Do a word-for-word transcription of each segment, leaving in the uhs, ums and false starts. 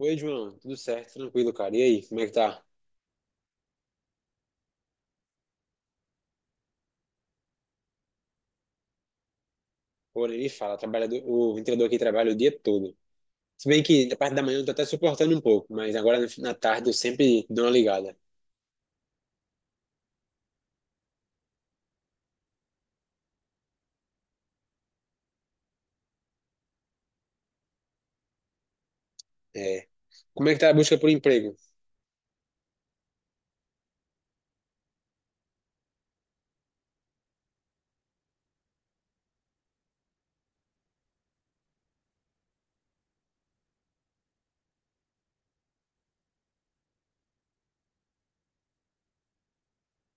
Oi, João, tudo certo, tranquilo, cara. E aí, como é que tá? Pô, nem me fala, trabalhador, o ventilador aqui trabalha o dia todo. Se bem que na parte da manhã eu tô até suportando um pouco, mas agora na na tarde eu sempre dou uma ligada. É. Como é que tá a busca por emprego?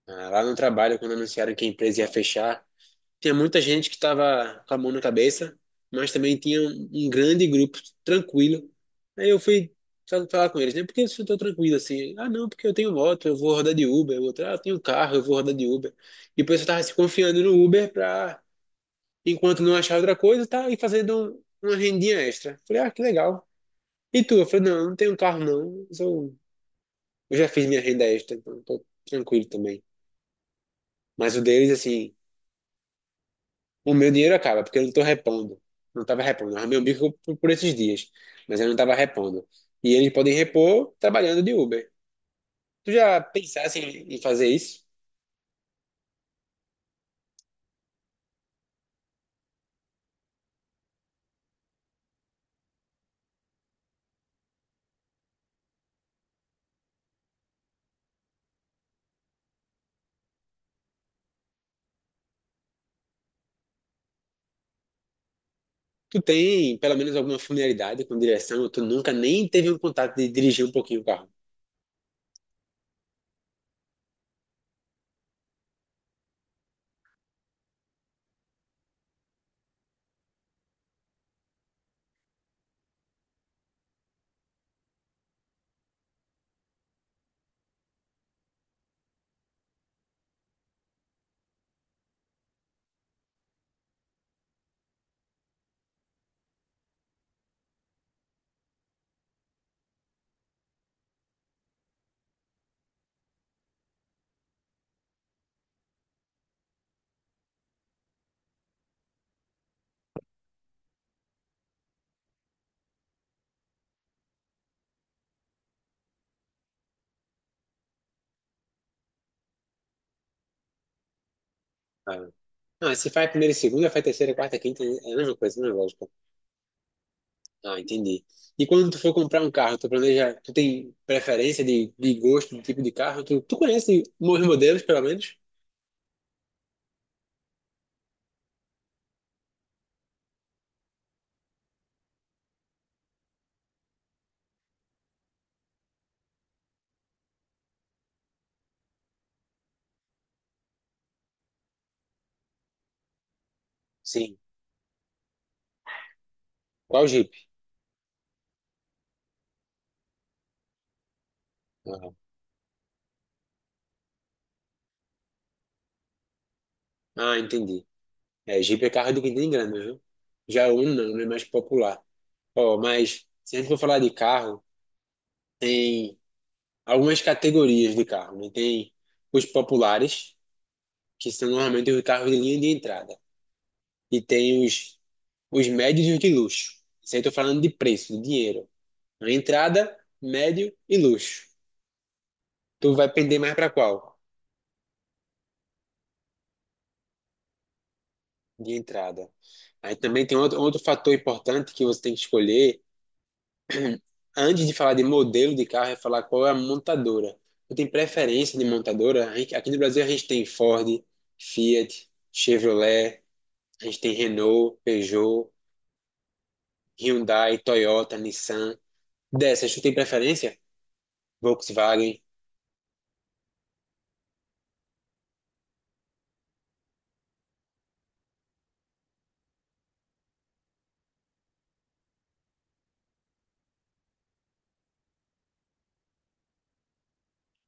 Ah, lá no trabalho, quando anunciaram que a empresa ia fechar, Tinha muita gente que estava com a mão na cabeça, mas também tinha um, um grande grupo tranquilo. Aí eu fui fa- falar com eles, né? Por que vocês estão tranquilos assim? Ah, não, porque eu tenho moto, eu vou rodar de Uber. O outro, ah, eu tenho carro, eu vou rodar de Uber. E o pessoal estava se confiando no Uber para, enquanto não achar outra coisa, tá e fazendo um- uma rendinha extra. Falei, ah, que legal. E tu? Eu falei, não, eu não tenho carro não. Eu, sou- eu já fiz minha renda extra, então tô tranquilo também. Mas o deles, assim. O meu dinheiro acaba, porque eu não tô repondo. Não tava repondo. Eu arrumei um bico por, por esses dias, mas eu não tava repondo. E eles podem repor trabalhando de Uber. Tu já pensasse em, em fazer isso? Tu tem pelo menos alguma familiaridade com direção? ou Tu nunca nem teve um contato de dirigir um pouquinho o carro? Ah. Não, se faz primeira e segunda, faz terceira, quarta, quinta, é a mesma coisa, é a mesma lógica. Ah, entendi. E quando tu for comprar um carro, tu planeja, tu tem preferência de, de gosto, de tipo de carro? Tu, tu conhece os modelos, pelo menos? Sim. Qual Jeep? Ah, Ah, entendi. É, Jeep é carro de quem tem grana, viu? Já o Uno não, né? Mais popular. Ó, mas se a gente for falar de carro, tem algumas categorias de carro, né? Tem os populares, que são normalmente os carros de linha de entrada. E tem os, os médios e os de luxo. Isso aí eu tô falando de preço, de dinheiro. A entrada, médio e luxo. Tu vai pender mais para qual? De entrada. Aí também tem outro, outro fator importante que você tem que escolher antes de falar de modelo de carro, é falar qual é a montadora. Eu tenho preferência de montadora. A gente- Aqui no Brasil a gente tem Ford, Fiat, Chevrolet, a gente tem Renault, Peugeot, Hyundai, Toyota, Nissan. Dessas, tu tem preferência? Volkswagen,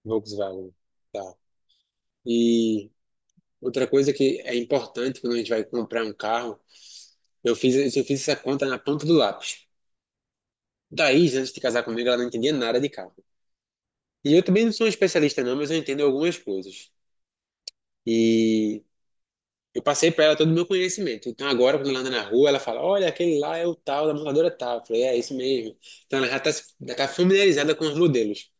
Volkswagen, tá. E outra coisa que é importante quando a gente vai comprar um carro, eu fiz, eu fiz essa conta na ponta do lápis. Daí, antes de casar comigo, ela não entendia nada de carro. E eu também não sou um especialista não, mas eu entendo algumas coisas. E eu passei para ela todo o meu conhecimento. Então agora, quando ela anda na rua, ela fala: Olha, aquele lá é o tal, da montadora tal. Eu falei: É, isso mesmo. Então ela já está familiarizada com os modelos.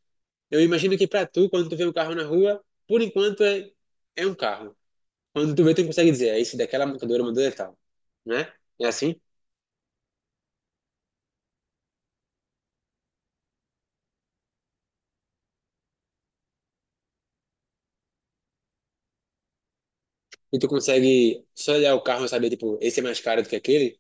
Eu imagino que para tu, quando tu vê um carro na rua, por enquanto é, é um carro. Quando tu vê, tu consegue dizer: É esse daquela montadora, montadora é tal. Né? É assim? E tu consegue só olhar o carro e saber, tipo, esse é mais caro do que aquele?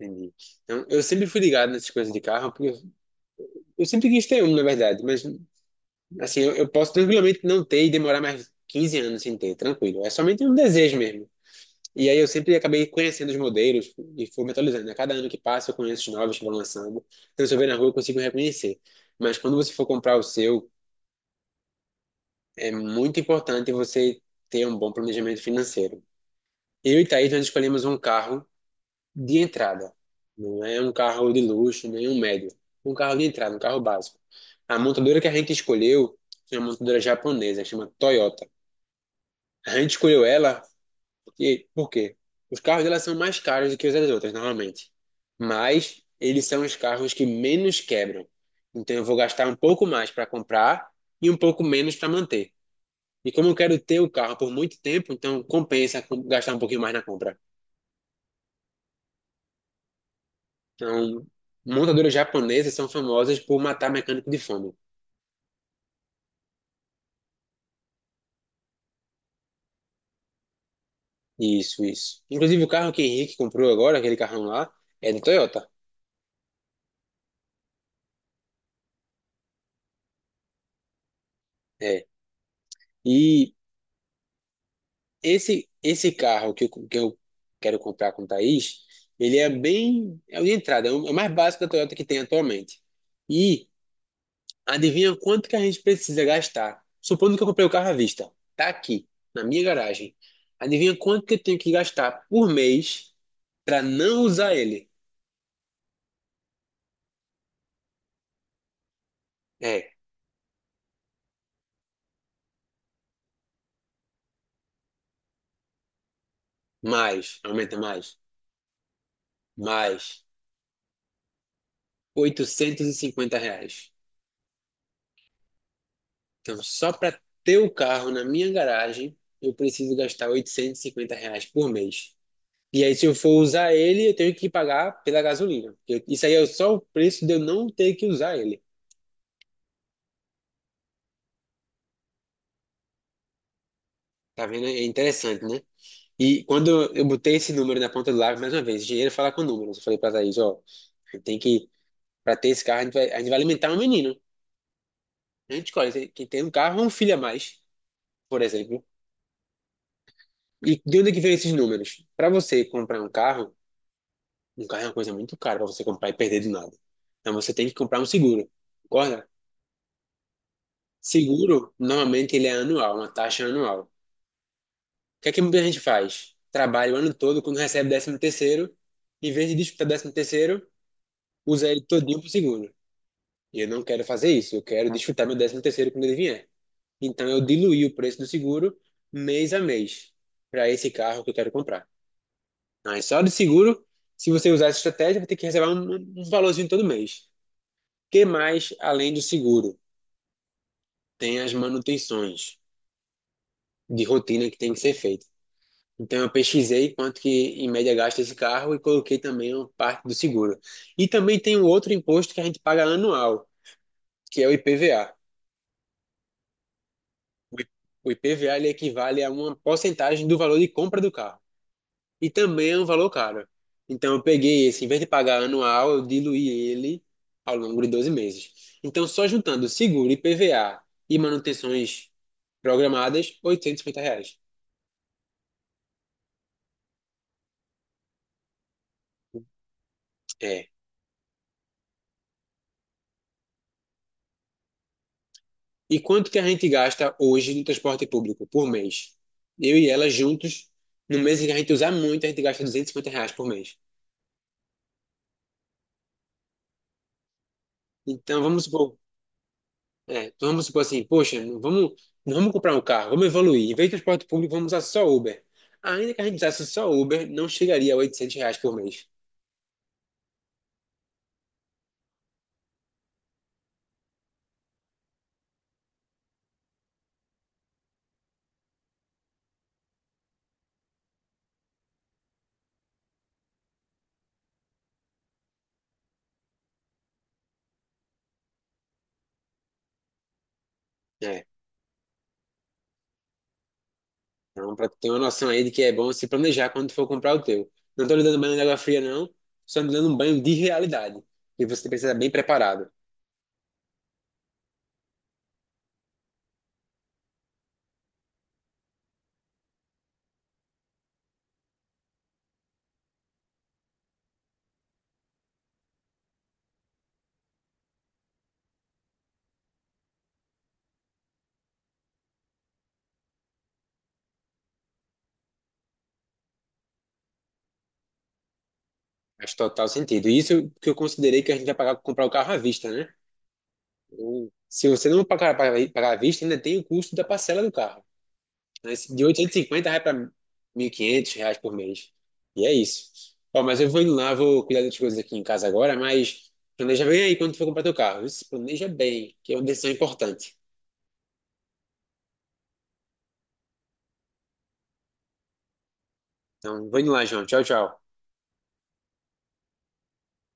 Entendi. Então, eu sempre fui ligado nessas coisas de carro, porque eu eu sempre quis ter um, na verdade, mas assim, eu, eu posso tranquilamente não ter e demorar mais 15 anos sem ter, tranquilo. É somente um desejo mesmo. E aí eu sempre acabei conhecendo os modelos e fui me atualizando, né? Cada ano que passa eu conheço os novos que vão lançando. Então, se eu ver na rua, eu consigo reconhecer. Mas quando você for comprar o seu, é muito importante você ter um bom planejamento financeiro. Eu e Thaís, nós escolhemos um carro de entrada. Não é um carro de luxo, nem um médio. Um carro de entrada, um carro básico. A montadora que a gente escolheu é uma montadora japonesa, que chama Toyota. A gente escolheu ela porque, por quê? Os carros dela são mais caros do que os das outras, normalmente. Mas eles são os carros que menos quebram. Então eu vou gastar um pouco mais para comprar e um pouco menos para manter. E como eu quero ter o carro por muito tempo, então compensa com- gastar um pouquinho mais na compra. Então, montadoras japonesas são famosas por matar mecânico de fome. Isso, isso. Inclusive o carro que Henrique comprou agora, aquele carrão lá, é do Toyota. É. E Esse, esse carro que eu, que eu quero comprar com o Thaís, ele é bem. É o de entrada, é o é o mais básico da Toyota que tem atualmente. E adivinha quanto que a gente precisa gastar? Supondo que eu comprei o carro à vista, tá aqui, na minha garagem. Adivinha quanto que eu tenho que gastar por mês para não usar ele? É, mais, aumenta mais, mais, oitocentos e cinquenta reais. Então, só para ter o carro na minha garagem, eu preciso gastar oitocentos e cinquenta reais por mês. E aí, se eu for usar ele, eu tenho que pagar pela gasolina. Eu- isso aí é só o preço de eu não ter que usar ele. Tá vendo? É interessante, né? E quando eu eu botei esse número na ponta do lápis, mais uma vez, dinheiro fala com números. Eu falei pra Thaís, ó, tem que, pra ter esse carro, a gente vai, a gente vai alimentar um menino. A gente escolhe se- quem tem um carro ou um filho a mais, por exemplo. E de onde é que vem esses números? Pra você comprar um carro, um carro é uma coisa muito cara pra você comprar e perder do nada. Então você tem que comprar um seguro, concorda? Seguro, normalmente ele é anual, uma taxa anual. O que é que muita gente faz? Trabalha o ano todo, quando recebe décimo terceiro, em vez de disputar décimo terceiro, usa ele todinho pro seguro. E eu não quero fazer isso, eu quero disputar meu décimo terceiro quando ele vier. Então eu diluí o preço do seguro mês a mês para esse carro que eu quero comprar. Mas só de seguro, se você usar essa estratégia, vai ter que receber um, um valorzinho todo mês. O que mais além do seguro? Tem as manutenções de rotina que tem que ser feita. Então eu pesquisei quanto que em média gasta esse carro e coloquei também uma parte do seguro. E também tem um outro imposto que a gente paga anual, que é o IPVA. O I- o IPVA ele equivale a uma porcentagem do valor de compra do carro. E também é um valor caro. Então eu peguei esse, em vez de pagar anual, eu diluí ele ao longo de doze meses. Então só juntando seguro, IPVA e manutenções programadas, oitocentos e cinquenta reais. É, E quanto que a gente gasta hoje no transporte público por mês? Eu e ela juntos, no mês em que a gente usar muito, a gente gasta duzentos e cinquenta reais por mês. Então vamos supor, é, então vamos supor assim, poxa, não vamos, não vamos comprar um carro, vamos evoluir. Em vez de transporte público, vamos usar só Uber. Ainda que a gente usasse só Uber, não chegaria a oitocentos reais por mês. É, então para ter uma noção aí de que é bom se planejar quando for comprar o teu. Não estou lhe dando banho de água fria, não, só lhe dando um banho de realidade. E você precisa estar bem preparado. Faz total sentido. E Isso que eu considerei que a gente vai pagar comprar o carro à vista, né? Ou, se você não pagar, pagar, pagar à vista, ainda tem o custo da parcela do carro, né? Esse De oitocentos e cinquenta reais para mil e quinhentos reais por mês. E é isso. Ó, mas eu vou indo lá, vou cuidar das coisas aqui em casa agora, mas planeja bem aí quando tu for comprar teu carro. Isso, planeja bem, que é uma decisão importante. Então, vou indo lá, João. Tchau, tchau.